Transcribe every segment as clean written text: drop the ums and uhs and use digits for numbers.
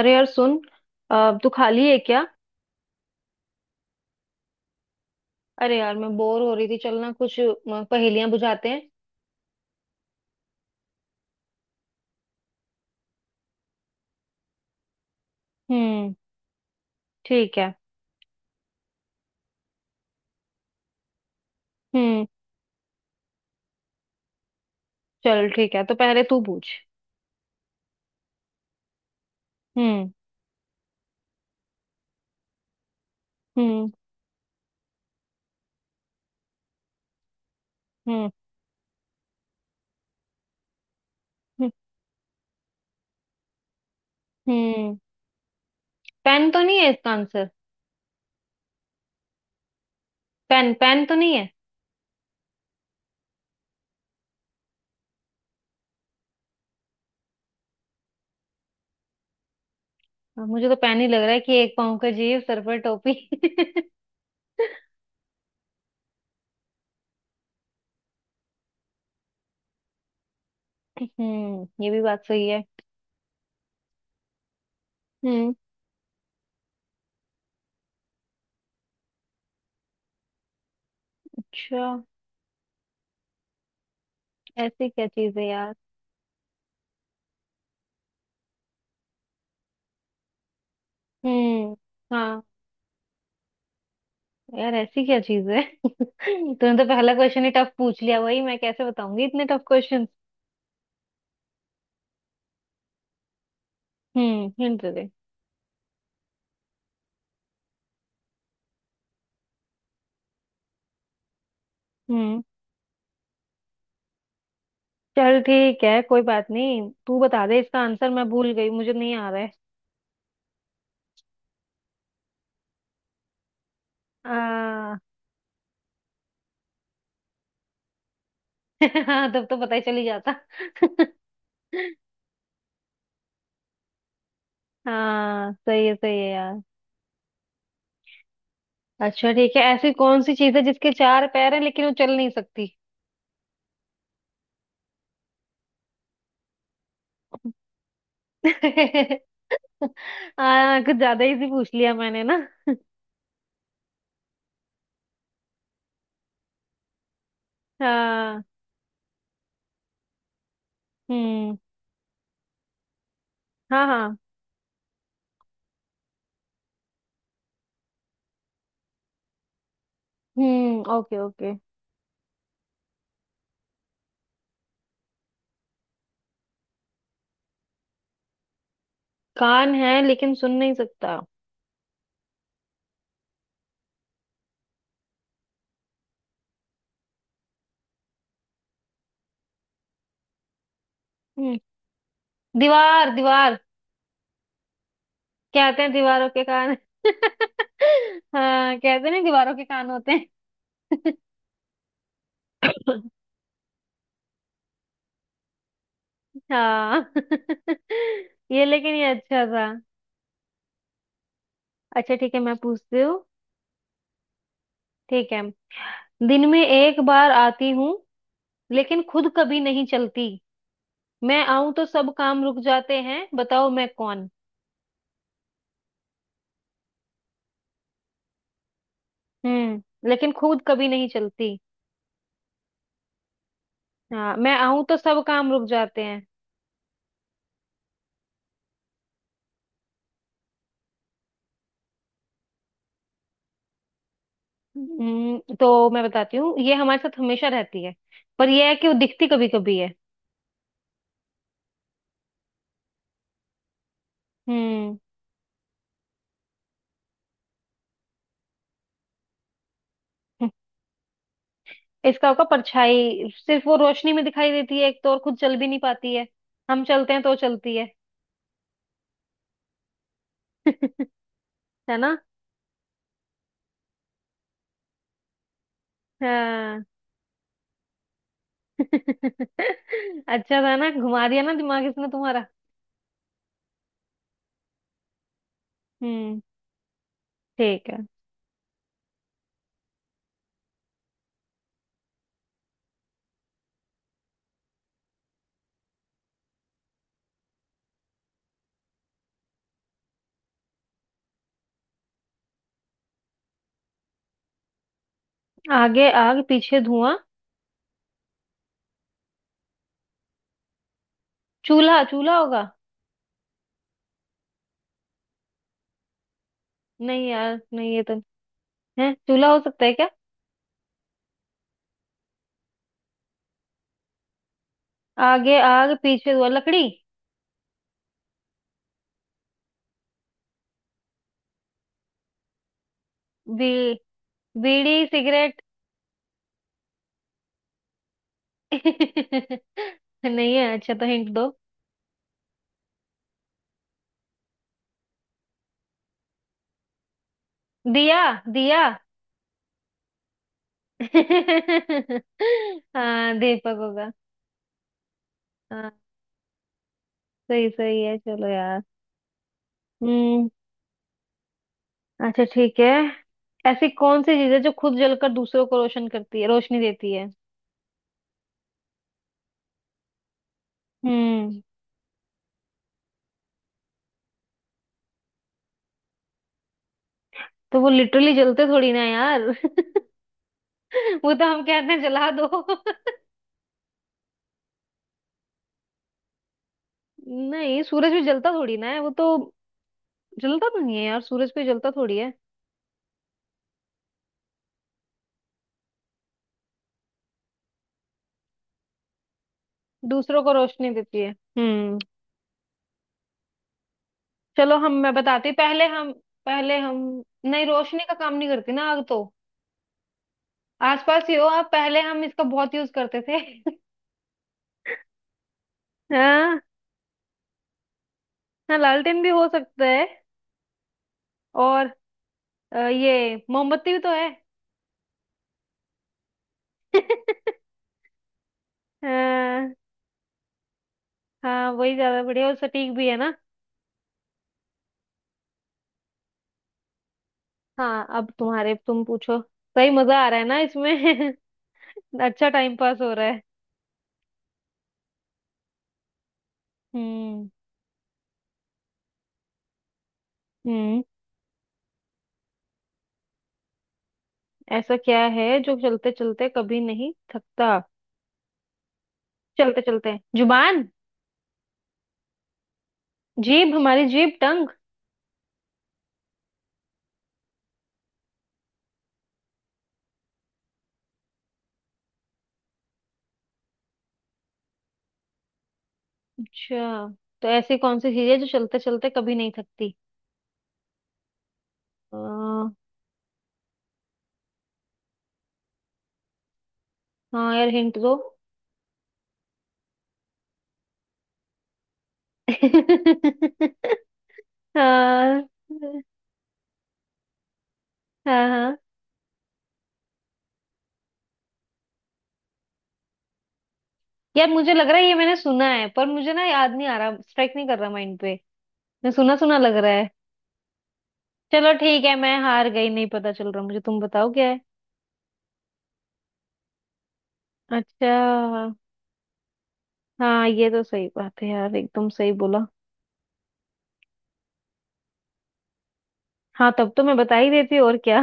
अरे यार सुन। अब तू खाली है क्या? अरे यार, मैं बोर हो रही थी। चल ना कुछ पहेलियां बुझाते हैं। हम्म। ठीक है। हम्म। चल ठीक है, तो पहले तू पूछ। हम्म। हम्म। हम्म। हम्म। हम्म। पेन तो नहीं है इसका आंसर? पेन पेन तो नहीं है। अब मुझे तो पेन ही लग रहा है कि एक पाँव का जीव, सर पर टोपी। हम्म, ये भी बात सही है। हम्म। अच्छा। ऐसी क्या चीज है यार? हम्म। हाँ। यार, ऐसी क्या चीज है? तूने तो पहला क्वेश्चन ही टफ पूछ लिया। वही मैं कैसे बताऊंगी इतने टफ क्वेश्चन? हम्म, हिंट दे। हम्म। चल ठीक है, कोई बात नहीं। तू बता दे इसका आंसर। मैं भूल गई, मुझे नहीं आ रहा है। आ, हाँ, तब तो पता ही चली जाता। हाँ, सही है, सही है यार। अच्छा ठीक है। ऐसी कौन सी चीज है जिसके चार पैर हैं लेकिन वो चल नहीं सकती? कुछ ज्यादा इजी पूछ लिया मैंने ना। हाँ। हम्म। हाँ। हाँ। हम्म। Okay, okay. कान है लेकिन सुन नहीं सकता। हम्म। दीवार, दीवार। कहते हैं दीवारों के कान। हाँ, कहते नहीं, दीवारों के कान होते हैं। हाँ। ये, लेकिन ये अच्छा था। अच्छा ठीक है, मैं पूछती हूँ। ठीक है। दिन में एक बार आती हूँ, लेकिन खुद कभी नहीं चलती। मैं आऊं तो सब काम रुक जाते हैं। बताओ मैं कौन? हम्म, लेकिन खुद कभी नहीं चलती। हाँ, मैं आऊं तो सब काम रुक जाते हैं। तो मैं बताती हूँ, ये हमारे साथ हमेशा रहती है। पर यह है कि वो दिखती कभी कभी है। हम्म। इसका होगा परछाई। सिर्फ वो रोशनी में दिखाई देती है एक तो, और खुद चल भी नहीं पाती है। हम चलते हैं तो चलती है। है ना? हाँ। अच्छा था ना? घुमा दिया ना दिमाग इसने तुम्हारा? हम्म। ठीक है। आगे आग पीछे धुआं। चूल्हा, चूल्हा होगा। नहीं यार, नहीं, ये तो है। चूल्हा हो सकता है क्या? आगे आग पीछे धुआं, लकड़ी। बी बीड़ी सिगरेट। नहीं है। अच्छा, तो हिंट दो। दिया। दिया। हाँ, दीपक होगा। हाँ। सही सही है, चलो यार। हम्म। अच्छा ठीक है। ऐसी कौन सी चीज है जो खुद जलकर दूसरों को रोशन करती है, रोशनी देती है? हम्म, तो वो लिटरली जलते थोड़ी ना है यार। वो तो हम कहते हैं जला दो। नहीं, सूरज भी जलता थोड़ी ना है वो तो। जलता तो नहीं है यार, सूरज भी जलता थोड़ी है। दूसरों को रोशनी देती है। हम्म। चलो, हम मैं बताती। पहले हम, नहीं, रोशनी का काम नहीं करती ना आग तो। आसपास ही हो आप, पहले हम इसका बहुत यूज करते थे। हाँ। हाँ, लालटेन भी हो सकता है। और ये मोमबत्ती भी तो है। हाँ। हाँ, वही ज्यादा बढ़िया और सटीक भी है ना। हाँ, अब तुम पूछो। सही मजा आ रहा है ना इसमें? अच्छा टाइम पास हो रहा है। हम्म। हम्म। ऐसा क्या है जो चलते चलते कभी नहीं थकता? चलते चलते, जुबान। जीभ, हमारी जीभ, टंग। अच्छा, तो ऐसी कौन सी चीज है जो चलते चलते कभी नहीं थकती? आ, हाँ यार, हिंट दो। हाँ, हाँ, हाँ। यार, मुझे लग रहा है ये मैंने सुना है, पर मुझे ना याद नहीं आ रहा, स्ट्राइक नहीं कर रहा माइंड पे। मैं सुना सुना लग रहा है। चलो ठीक है, मैं हार गई। नहीं पता चल रहा मुझे, तुम बताओ क्या है। अच्छा। हाँ, ये तो सही बात है यार, एकदम सही बोला। हाँ, तब तो मैं बता ही देती, और क्या।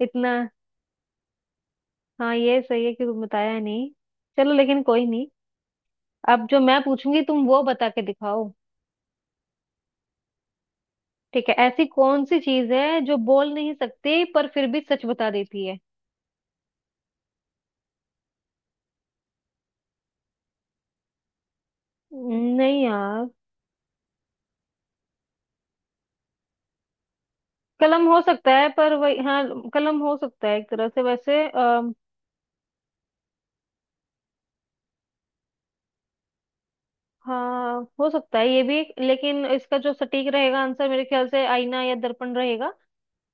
इतना। हाँ, ये सही है कि तुम बताया नहीं। चलो, लेकिन कोई नहीं। अब जो मैं पूछूंगी, तुम वो बता के दिखाओ। ठीक है। ऐसी कौन सी चीज है जो बोल नहीं सकती पर फिर भी सच बता देती है? नहीं यार। कलम हो सकता है, पर वही, हाँ। कलम हो सकता है एक तरह से वैसे। हाँ, हो सकता है ये भी, लेकिन इसका जो सटीक रहेगा आंसर मेरे ख्याल से आईना या दर्पण रहेगा।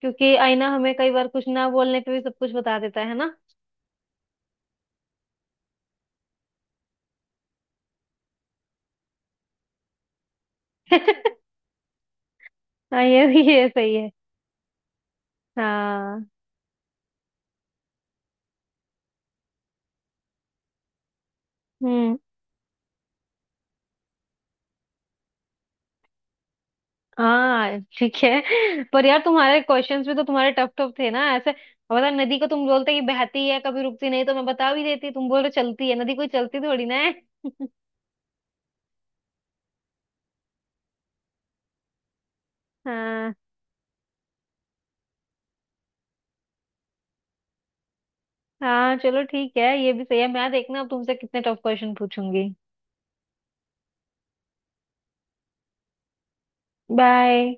क्योंकि आईना हमें कई बार कुछ ना बोलने पे भी सब कुछ बता देता है ना। हाँ, ये भी, ये सही है। हाँ। हम्म। हाँ ठीक है, पर यार तुम्हारे क्वेश्चंस भी तो तुम्हारे टफ टफ थे ना ऐसे। अब बता, नदी को तुम बोलते कि बहती है कभी रुकती नहीं, तो मैं बता भी देती। तुम बोल रहे चलती है, नदी कोई चलती थोड़ी ना है। हाँ। हाँ, चलो ठीक है, ये भी सही है। मैं देखना अब तुमसे कितने टफ क्वेश्चन पूछूंगी। बाय।